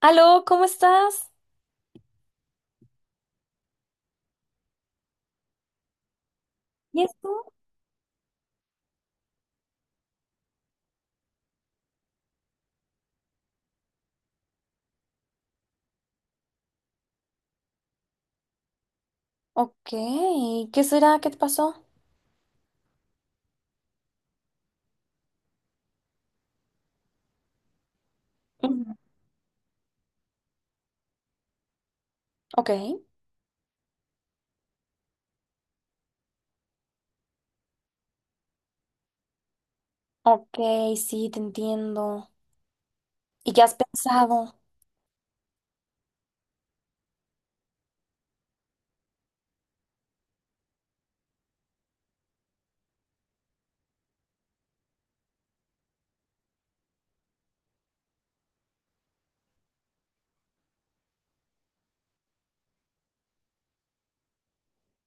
Aló, ¿cómo estás? ¿Y esto? Ok, ¿qué será? ¿Qué te pasó? Ujú. Ok, ok, sí, te entiendo. ¿Y qué has pensado?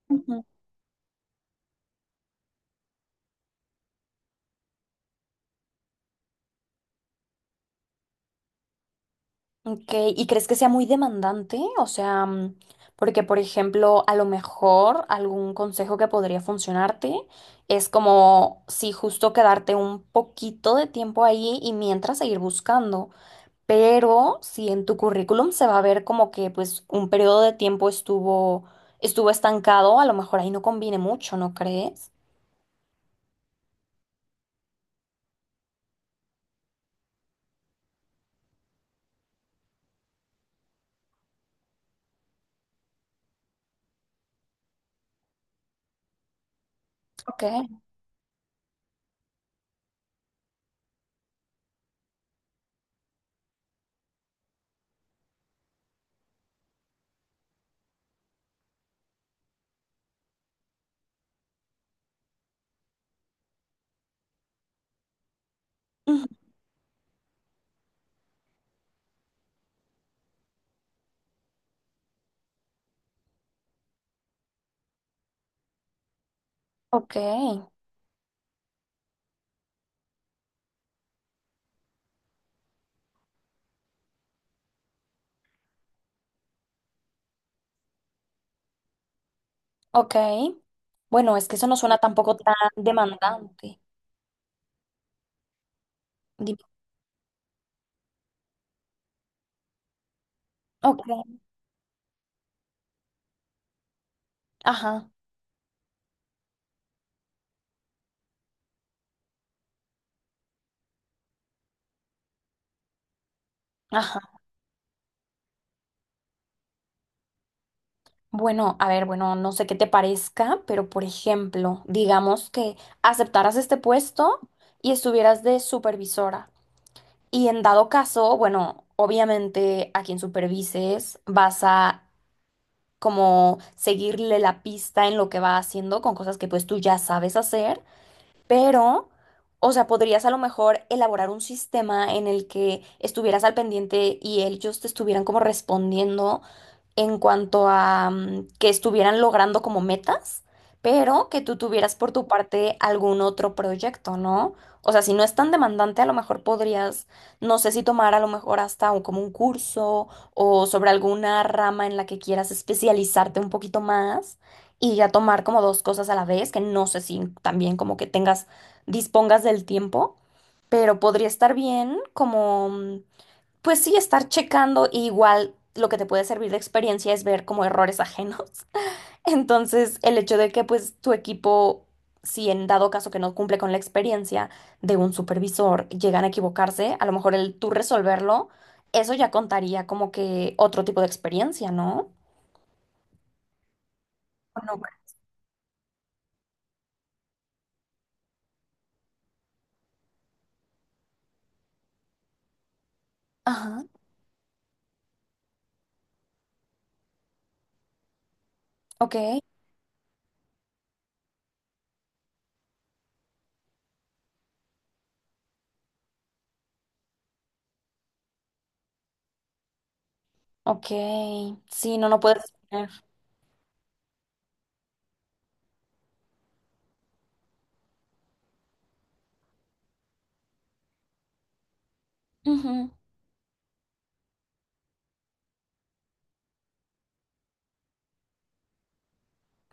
Ujú. Ok, ¿y crees que sea muy demandante? O sea, porque por ejemplo, a lo mejor algún consejo que podría funcionarte es como si justo quedarte un poquito de tiempo ahí y mientras seguir buscando. Pero si en tu currículum se va a ver como que pues un periodo de tiempo estuvo estancado, a lo mejor ahí no conviene mucho, ¿no crees? Ok. Ujú. Ok, ok. Bueno, es que eso no suena tampoco tan demandante. Dime. Ok, ajá, ajá. Bueno, a ver, bueno, no sé qué te parezca, pero por ejemplo, digamos que aceptaras este puesto y estuvieras de supervisora. Y en dado caso, bueno, obviamente a quien supervises vas a como seguirle la pista en lo que va haciendo con cosas que pues tú ya sabes hacer pero, o sea, podrías a lo mejor elaborar un sistema en el que estuvieras al pendiente y ellos te estuvieran como respondiendo en cuanto a que estuvieran logrando como metas, pero que tú tuvieras por tu parte algún otro proyecto, ¿no? O sea, si no es tan demandante, a lo mejor podrías, no sé si tomar a lo mejor hasta como un curso o sobre alguna rama en la que quieras especializarte un poquito más y ya tomar como dos cosas a la vez, que no sé si también como que tengas, dispongas del tiempo, pero podría estar bien como, pues sí, estar checando y igual lo que te puede servir de experiencia es ver como errores ajenos. Entonces, el hecho de que pues tu equipo, si en dado caso que no cumple con la experiencia de un supervisor, llegan a equivocarse, a lo mejor el tú resolverlo, eso ya contaría como que otro tipo de experiencia, ¿no? ¿O no? Ajá, ok. Ok, sí, no, no puedes exponer. Ujú.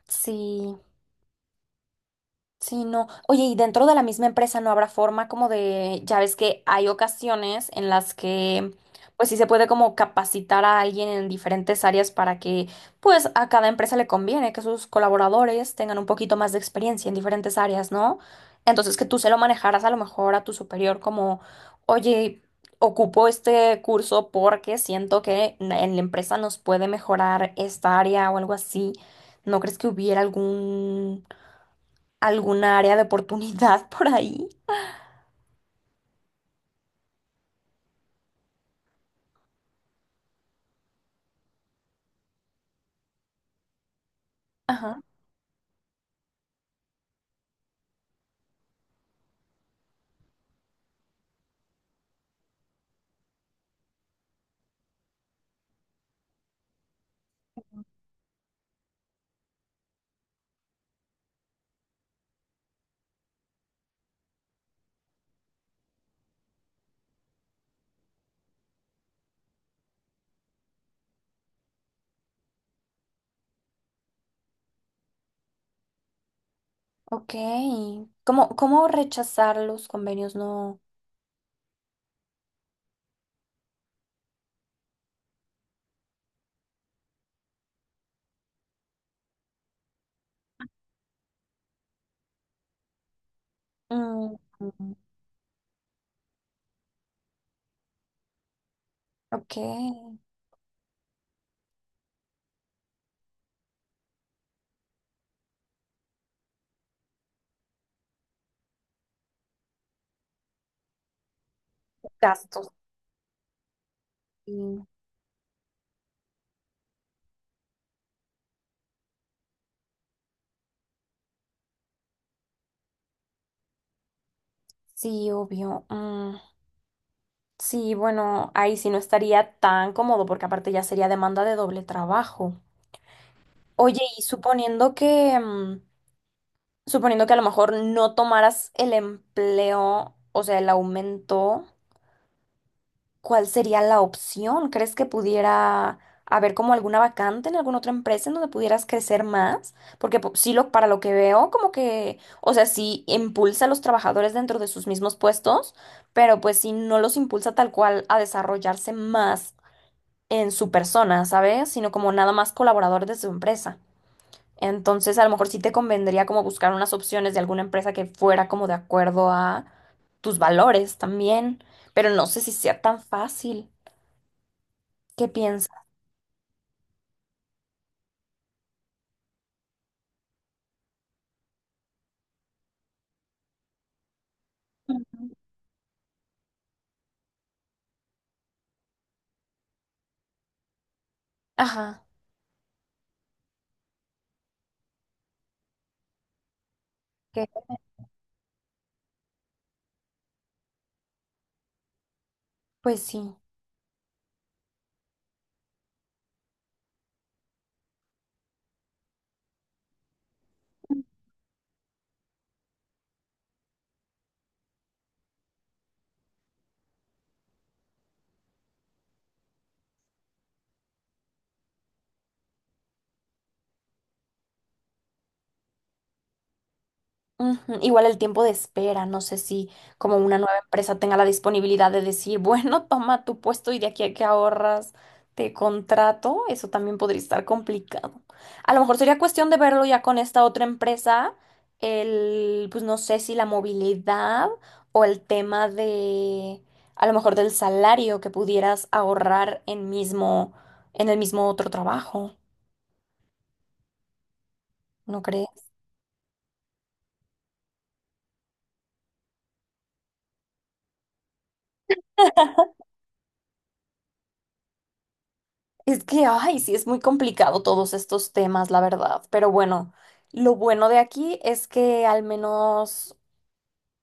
Sí, sí, no. Oye, y dentro de la misma empresa no habrá forma como de, ya ves que hay ocasiones en las que, pues sí se puede como capacitar a alguien en diferentes áreas para que, pues a cada empresa le conviene que sus colaboradores tengan un poquito más de experiencia en diferentes áreas, ¿no? Entonces que tú se lo manejaras a lo mejor a tu superior como, oye, ocupo este curso porque siento que en la empresa nos puede mejorar esta área o algo así. ¿No crees que hubiera algún alguna área de oportunidad por ahí? Ajá, ok. ¿Cómo, cómo rechazar los convenios? No. Mm, mm, ok. Gastos. Sí, sí, obvio. Mm, sí, bueno, ahí sí no estaría tan cómodo porque aparte ya sería demanda de doble trabajo. Oye, y suponiendo que, suponiendo que a lo mejor no tomaras el empleo, o sea, el aumento. ¿Cuál sería la opción? ¿Crees que pudiera haber como alguna vacante en alguna otra empresa en donde pudieras crecer más? Porque sí, lo, para lo que veo, como que, o sea, sí impulsa a los trabajadores dentro de sus mismos puestos, pero pues sí no los impulsa tal cual a desarrollarse más en su persona, ¿sabes? Sino como nada más colaborador de su empresa. Entonces, a lo mejor sí te convendría como buscar unas opciones de alguna empresa que fuera como de acuerdo a tus valores también, pero no sé si sea tan fácil. ¿Qué piensas? Ujú. Ajá, que pues sí. Ujú, igual el tiempo de espera, no sé si como una nueva empresa tenga la disponibilidad de decir, bueno, toma tu puesto y de aquí a que ahorras te contrato, eso también podría estar complicado. A lo mejor sería cuestión de verlo ya con esta otra empresa, el, pues no sé si la movilidad o el tema de, a lo mejor del salario que pudieras ahorrar en mismo, en el mismo otro trabajo, ¿no crees? Es que, ay, sí, es muy complicado todos estos temas, la verdad. Pero bueno, lo bueno de aquí es que al menos,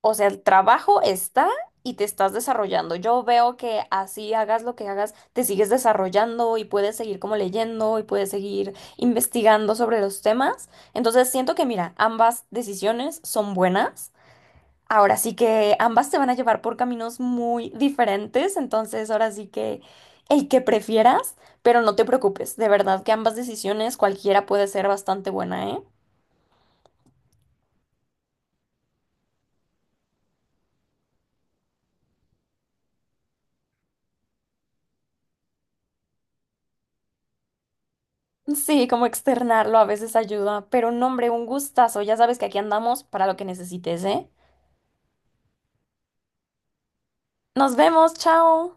o sea, el trabajo está y te estás desarrollando. Yo veo que así hagas lo que hagas, te sigues desarrollando y puedes seguir como leyendo y puedes seguir investigando sobre los temas. Entonces, siento que, mira, ambas decisiones son buenas. Ahora sí que ambas te van a llevar por caminos muy diferentes, entonces ahora sí que el que prefieras, pero no te preocupes, de verdad que ambas decisiones cualquiera puede ser bastante buena, ¿eh? Sí, como externarlo a veces ayuda, pero no, hombre, un gustazo, ya sabes que aquí andamos para lo que necesites, ¿eh? Nos vemos, chao.